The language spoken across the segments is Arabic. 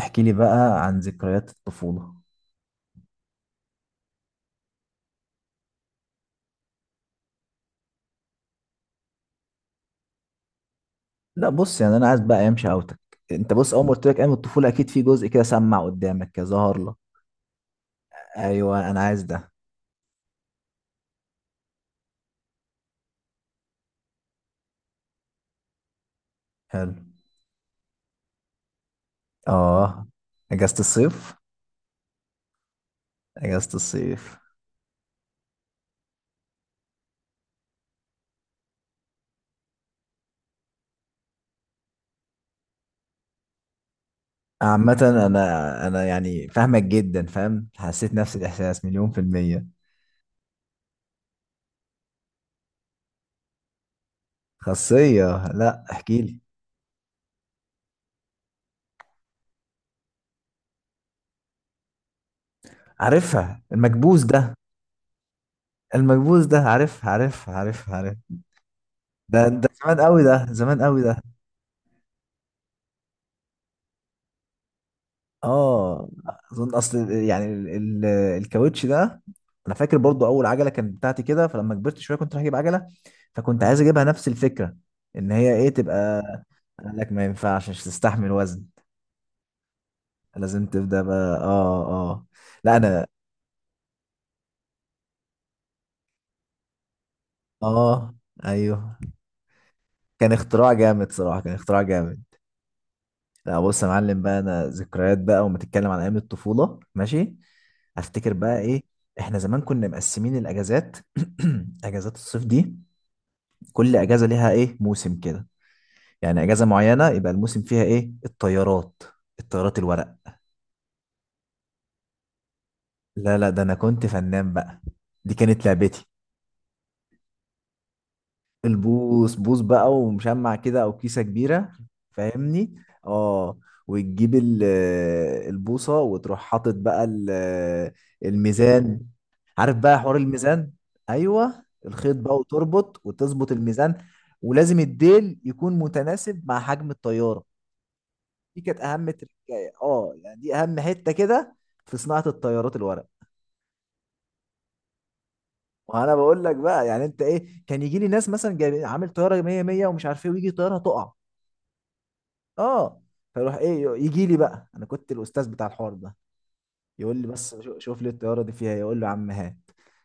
احكي لي بقى عن ذكريات الطفولة. لا بص يعني انا عايز بقى ايام شقاوتك. انت بص، اول ما قلت لك ايام الطفولة اكيد في جزء كده سمع قدامك كده ظهر لك. ايوه انا عايز ده. حلو. اه اجازة الصيف اجازة الصيف. عامة انا يعني فاهمك جدا، فاهم حسيت نفس الاحساس مليون في المية. خاصية، لا احكي لي. عارفها المكبوس ده. المكبوس ده، عارف عارف عارف عارف. ده ده زمان قوي، ده زمان قوي ده. اه اظن اصل يعني ال- الكاوتش ده. انا فاكر برضو اول عجله كانت بتاعتي كده، فلما كبرت شويه كنت رايح اجيب عجله، فكنت عايز اجيبها نفس الفكره، ان هي ايه تبقى. قال لك ما ينفعش، مش تستحمل وزن. لازم تبدا بقى، اه. اه، لا انا. اه. ايوه كان اختراع جامد صراحه، كان اختراع جامد. لا بص يا معلم بقى، انا ذكريات بقى، وما تتكلم عن ايام الطفوله ماشي. افتكر بقى ايه. احنا زمان كنا مقسمين الاجازات. اجازات الصيف دي، كل اجازه ليها ايه موسم كده. يعني اجازه معينه يبقى الموسم فيها ايه، الطيارات. الطيارات الورق. لا لا، ده انا كنت فنان بقى. دي كانت لعبتي. البوص بوص بقى، ومشمع كده او كيسه كبيره. فاهمني. اه، وتجيب البوصه، وتروح حاطط بقى الميزان. عارف بقى حوار الميزان. ايوه الخيط بقى وتربط وتظبط الميزان. ولازم الديل يكون متناسب مع حجم الطياره. دي كانت اهم تركايه، اه يعني دي اهم حته كده في صناعه الطيارات الورق. وانا بقول لك بقى، يعني انت ايه، كان يجي لي ناس مثلا جاي عامل طياره 100 100 ومش عارف ايه، ويجي طياره تقع، اه. فيروح ايه، يجي لي بقى، انا كنت الاستاذ بتاع الحوار ده. يقول لي بس شوف لي الطياره دي فيها إيه. يقول له يا عم هات.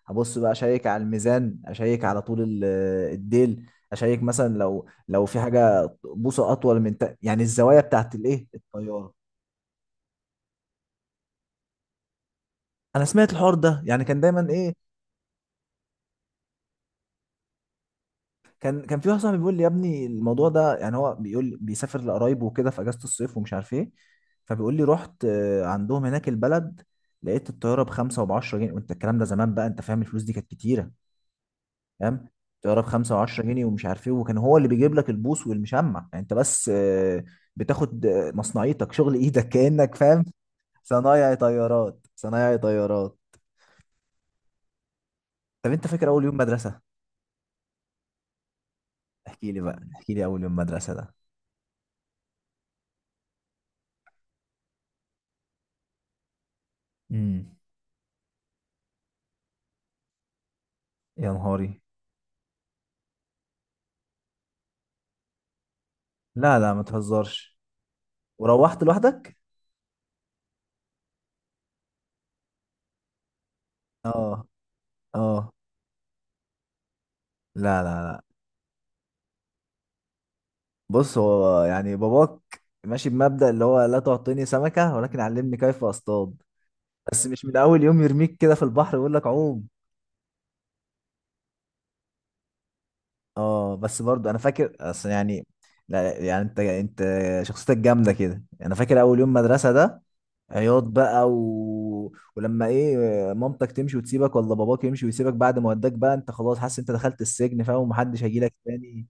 ابص بقى، اشيك على الميزان، اشيك على طول الديل. اشيك مثلا لو في حاجه بوصه اطول من تا... يعني الزوايا بتاعت الايه الطياره. انا سمعت الحوار ده، يعني كان دايما ايه. كان في واحد صاحبي بيقول لي يا ابني الموضوع ده، يعني هو بيقول بيسافر لقرايبه وكده في اجازه الصيف ومش عارف ايه. فبيقول لي رحت، عندهم هناك البلد، لقيت الطياره بخمسه وبعشرة جنيه، وانت الكلام ده زمان بقى انت فاهم، الفلوس دي كانت كتيره. فاهم. الطياره بخمسه وعشرة جنيه ومش عارف ايه، وكان هو اللي بيجيب لك البوص والمشمع. يعني انت بس، بتاخد، مصنعيتك، شغل ايدك كانك فاهم. صنايعي طيارات، صنايعي طيارات. طب انت فاكر اول يوم مدرسه؟ احكي لي بقى، احكي لي اول يوم مدرسه ده. امم. يا نهاري. لا لا ما تهزرش. وروحت لوحدك؟ اه. اه. لا لا لا. بص، هو يعني باباك ماشي بمبدأ اللي هو لا تعطيني سمكة ولكن علمني كيف اصطاد. بس مش من اول يوم يرميك كده في البحر ويقول لك عوم. اه بس برضو انا فاكر اصل يعني. لا يعني انت شخصيتك جامدة كده. انا فاكر اول يوم مدرسة ده، عياط بقى و... ولما ايه، مامتك تمشي وتسيبك، ولا باباك يمشي ويسيبك، بعد ما وداك بقى انت خلاص حاسس انت دخلت السجن فاهم، ومحدش هيجيلك تاني.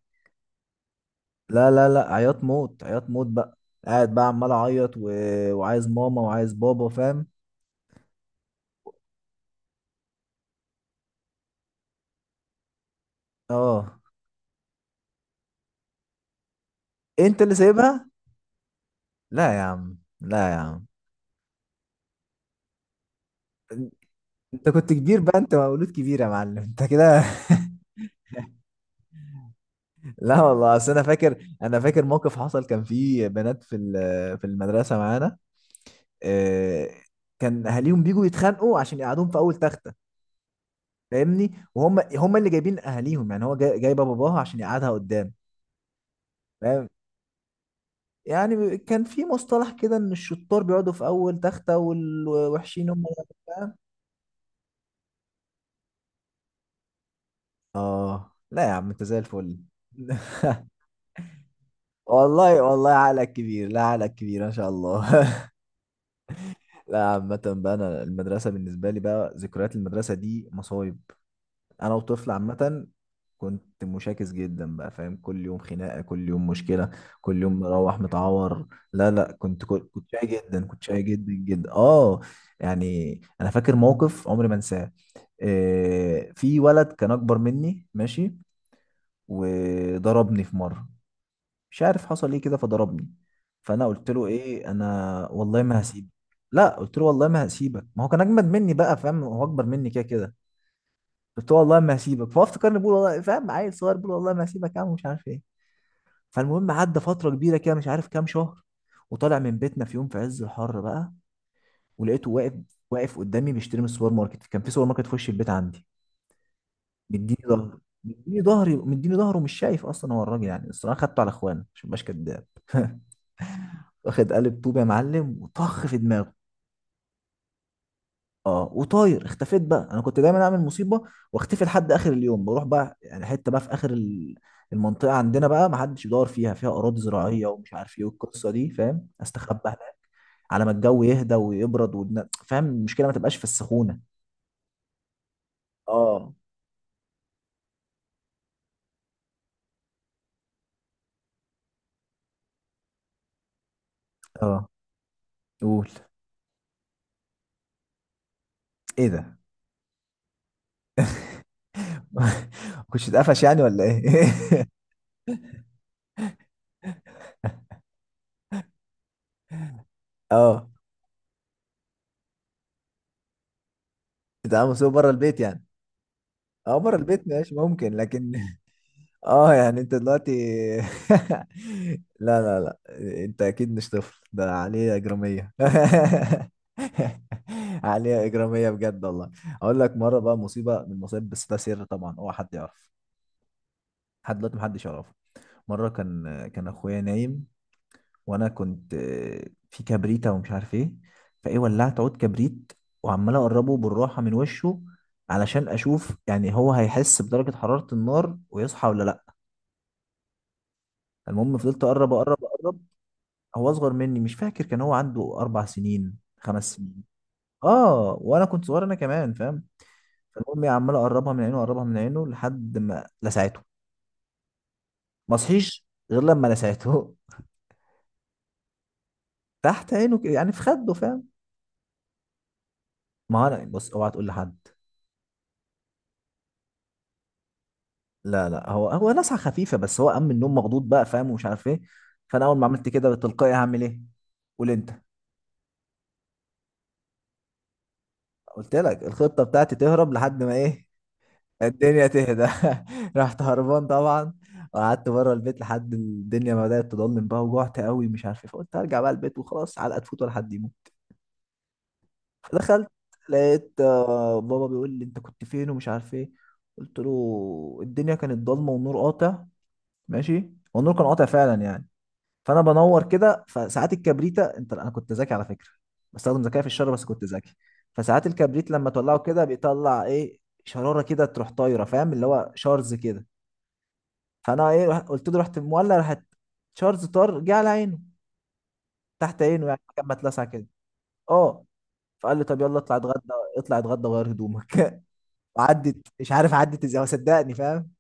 لا لا لا، عياط موت عياط موت بقى. قاعد بقى عمال اعيط و... وعايز ماما وعايز بابا فاهم. اه، انت اللي سايبها؟ لا يا عم لا يا عم. انت كنت كبير بقى، انت مولود كبير يا معلم انت كده. لا والله، اصل انا فاكر موقف حصل، كان في بنات في في المدرسه معانا. آه، كان اهاليهم بيجوا يتخانقوا عشان يقعدوهم في اول تخته. فاهمني، وهم اللي جايبين اهاليهم، يعني هو جايبه باباها عشان يقعدها قدام. فاهم؟ يعني كان في مصطلح كده ان الشطار بيقعدوا في اول تختة، والوحشين هم اللي- فاهم. اه، لا يا عم انت زي الفل. والله عقلك كبير، لا عقلك كبير ما شاء الله. لا عامة بقى، أنا المدرسة بالنسبة لي بقى ذكريات المدرسة دي مصايب. أنا وطفل عامة كنت مشاكس جدا بقى، فاهم، كل يوم خناقة كل يوم مشكلة، كل يوم مروح متعور. لا لا كنت شقي جدا، كنت شقي جدا جدا اه. يعني أنا فاكر موقف عمري ما أنساه. في ولد كان اكبر مني ماشي، وضربني في مره، مش عارف حصل ايه كده فضربني. فانا قلت له ايه، انا والله ما هسيبك. لا، قلت له والله ما هسيبك. ما هو كان اجمد مني بقى فاهم، هو اكبر مني كده كده. قلت له والله ما هسيبك، فهو افتكرني بقول والله، فاهم، عيل صغير بقول والله ما هسيبك يا عم، مش عارف ايه. فالمهم عدى فتره كبيره كده، مش عارف كام شهر. وطالع من بيتنا في يوم في عز الحر بقى، ولقيته واقف. واقف قدامي بيشتري من السوبر ماركت، كان في سوبر ماركت في وش البيت عندي. مديني ظهر. مديني ظهري، مديني ظهره، مش شايف اصلا هو الراجل يعني. بس انا خدته على اخوانه عشان مبقاش كداب. واخد قالب طوب يا معلم، وطخ في دماغه. اه، وطاير اختفيت بقى، انا كنت دايما اعمل مصيبه واختفي لحد اخر اليوم. بروح بقى يعني حته بقى في اخر المنطقه عندنا بقى ما حدش يدور فيها اراضي زراعيه ومش عارف ايه والقصه دي فاهم، استخبى هناك على ما الجو يهدى ويبرد، فاهم المشكله ما تبقاش في السخونه. اه اه. قول. ايه ده؟ كنتش اتقفش يعني ولا ايه؟ اه. تتعامل مسؤول بره البيت يعني؟ اه بره البيت ماشي، ممكن لكن. اه يعني انت دلوقتي. لا لا لا، انت اكيد مش طفل، ده عليه اجرامية. عليه اجرامية بجد والله. اقول لك مرة بقى مصيبة من المصايب، بس ده سر طبعا، هو حد يعرف. لحد دلوقتي محدش يعرفه. مرة كان اخويا نايم، وانا كنت، في كبريتة ومش عارف ايه. فايه ولعت عود كبريت، وعمال اقربه بالراحة من وشه، علشان اشوف يعني هو هيحس بدرجة حرارة النار ويصحى ولا لا. المهم فضلت اقرب اقرب اقرب. هو اصغر مني، مش فاكر، كان هو عنده 4 سنين 5 سنين. اه وانا كنت صغير انا كمان، فاهم. فالمهم عمال اقربها من عينه، اقربها من عينه لحد ما لسعته. ما صحيش، غير لما لسعته. تحت عينه كده، يعني في خده فاهم. ما هو انا بص اوعى تقول لحد. لا لا، هو نزعه خفيفه بس، هو قام من النوم مخضوض بقى فاهم، ومش عارف ايه. فانا اول ما عملت كده تلقائي هعمل ايه، قول انت؟ قلت لك الخطه بتاعتي تهرب لحد ما ايه، الدنيا تهدى. رحت هربان طبعا، وقعدت بره البيت لحد الدنيا ما بدات تضلم بقى. وجعت قوي مش عارف ايه، فقلت هرجع بقى البيت وخلاص، علقه تفوت ولا حد يموت. فدخلت، لقيت، بابا بيقول لي انت كنت فين ومش عارف ايه. قلت له الدنيا كانت ضلمه والنور قاطع. ماشي والنور كان قاطع فعلا يعني. فانا بنور كده، فساعات الكبريتة انت، انا كنت ذكي على فكره، بستخدم ذكاء في الشر بس كنت ذكي. فساعات الكبريت لما تولعه كده بيطلع ايه شراره كده تروح طايره، فاهم، اللي هو شارز كده. فانا ايه قلت له رحت مولع، راحت شارز طار جه على عينه، تحت عينه يعني كان متلسع كده. اه. فقال لي طب يلا اطلع اتغدى، اطلع اتغدى وغير هدومك. وعدت مش عارف عدت ازاي هو صدقني فاهم.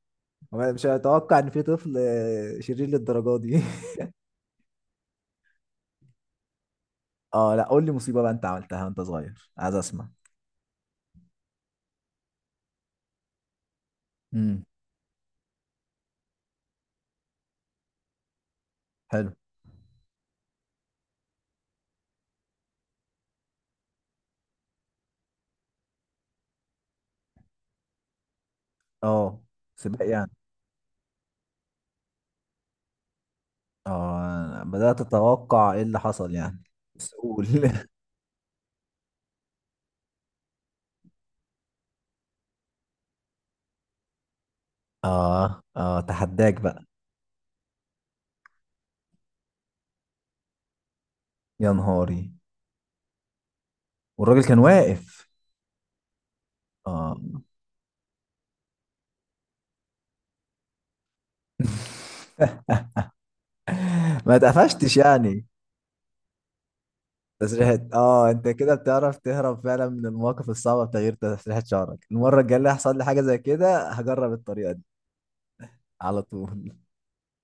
هو مش هيتوقع ان في طفل شرير للدرجه دي. اه لا، قول لي مصيبه بقى انت عملتها وانت صغير، عايز اسمع. امم. حلو. اه سباق يعني. اه بدأت اتوقع ايه اللي حصل يعني. بس قول. اه اه تحداك بقى. يا نهاري. والراجل كان واقف. اه. ما اتقفشتش يعني. تسريحة، انت كده بتعرف تهرب فعلا من المواقف الصعبة بتغيير تسريحة شعرك، المرة الجاية اللي هيحصل لي حاجة زي كده هجرب الطريقة دي. على طول.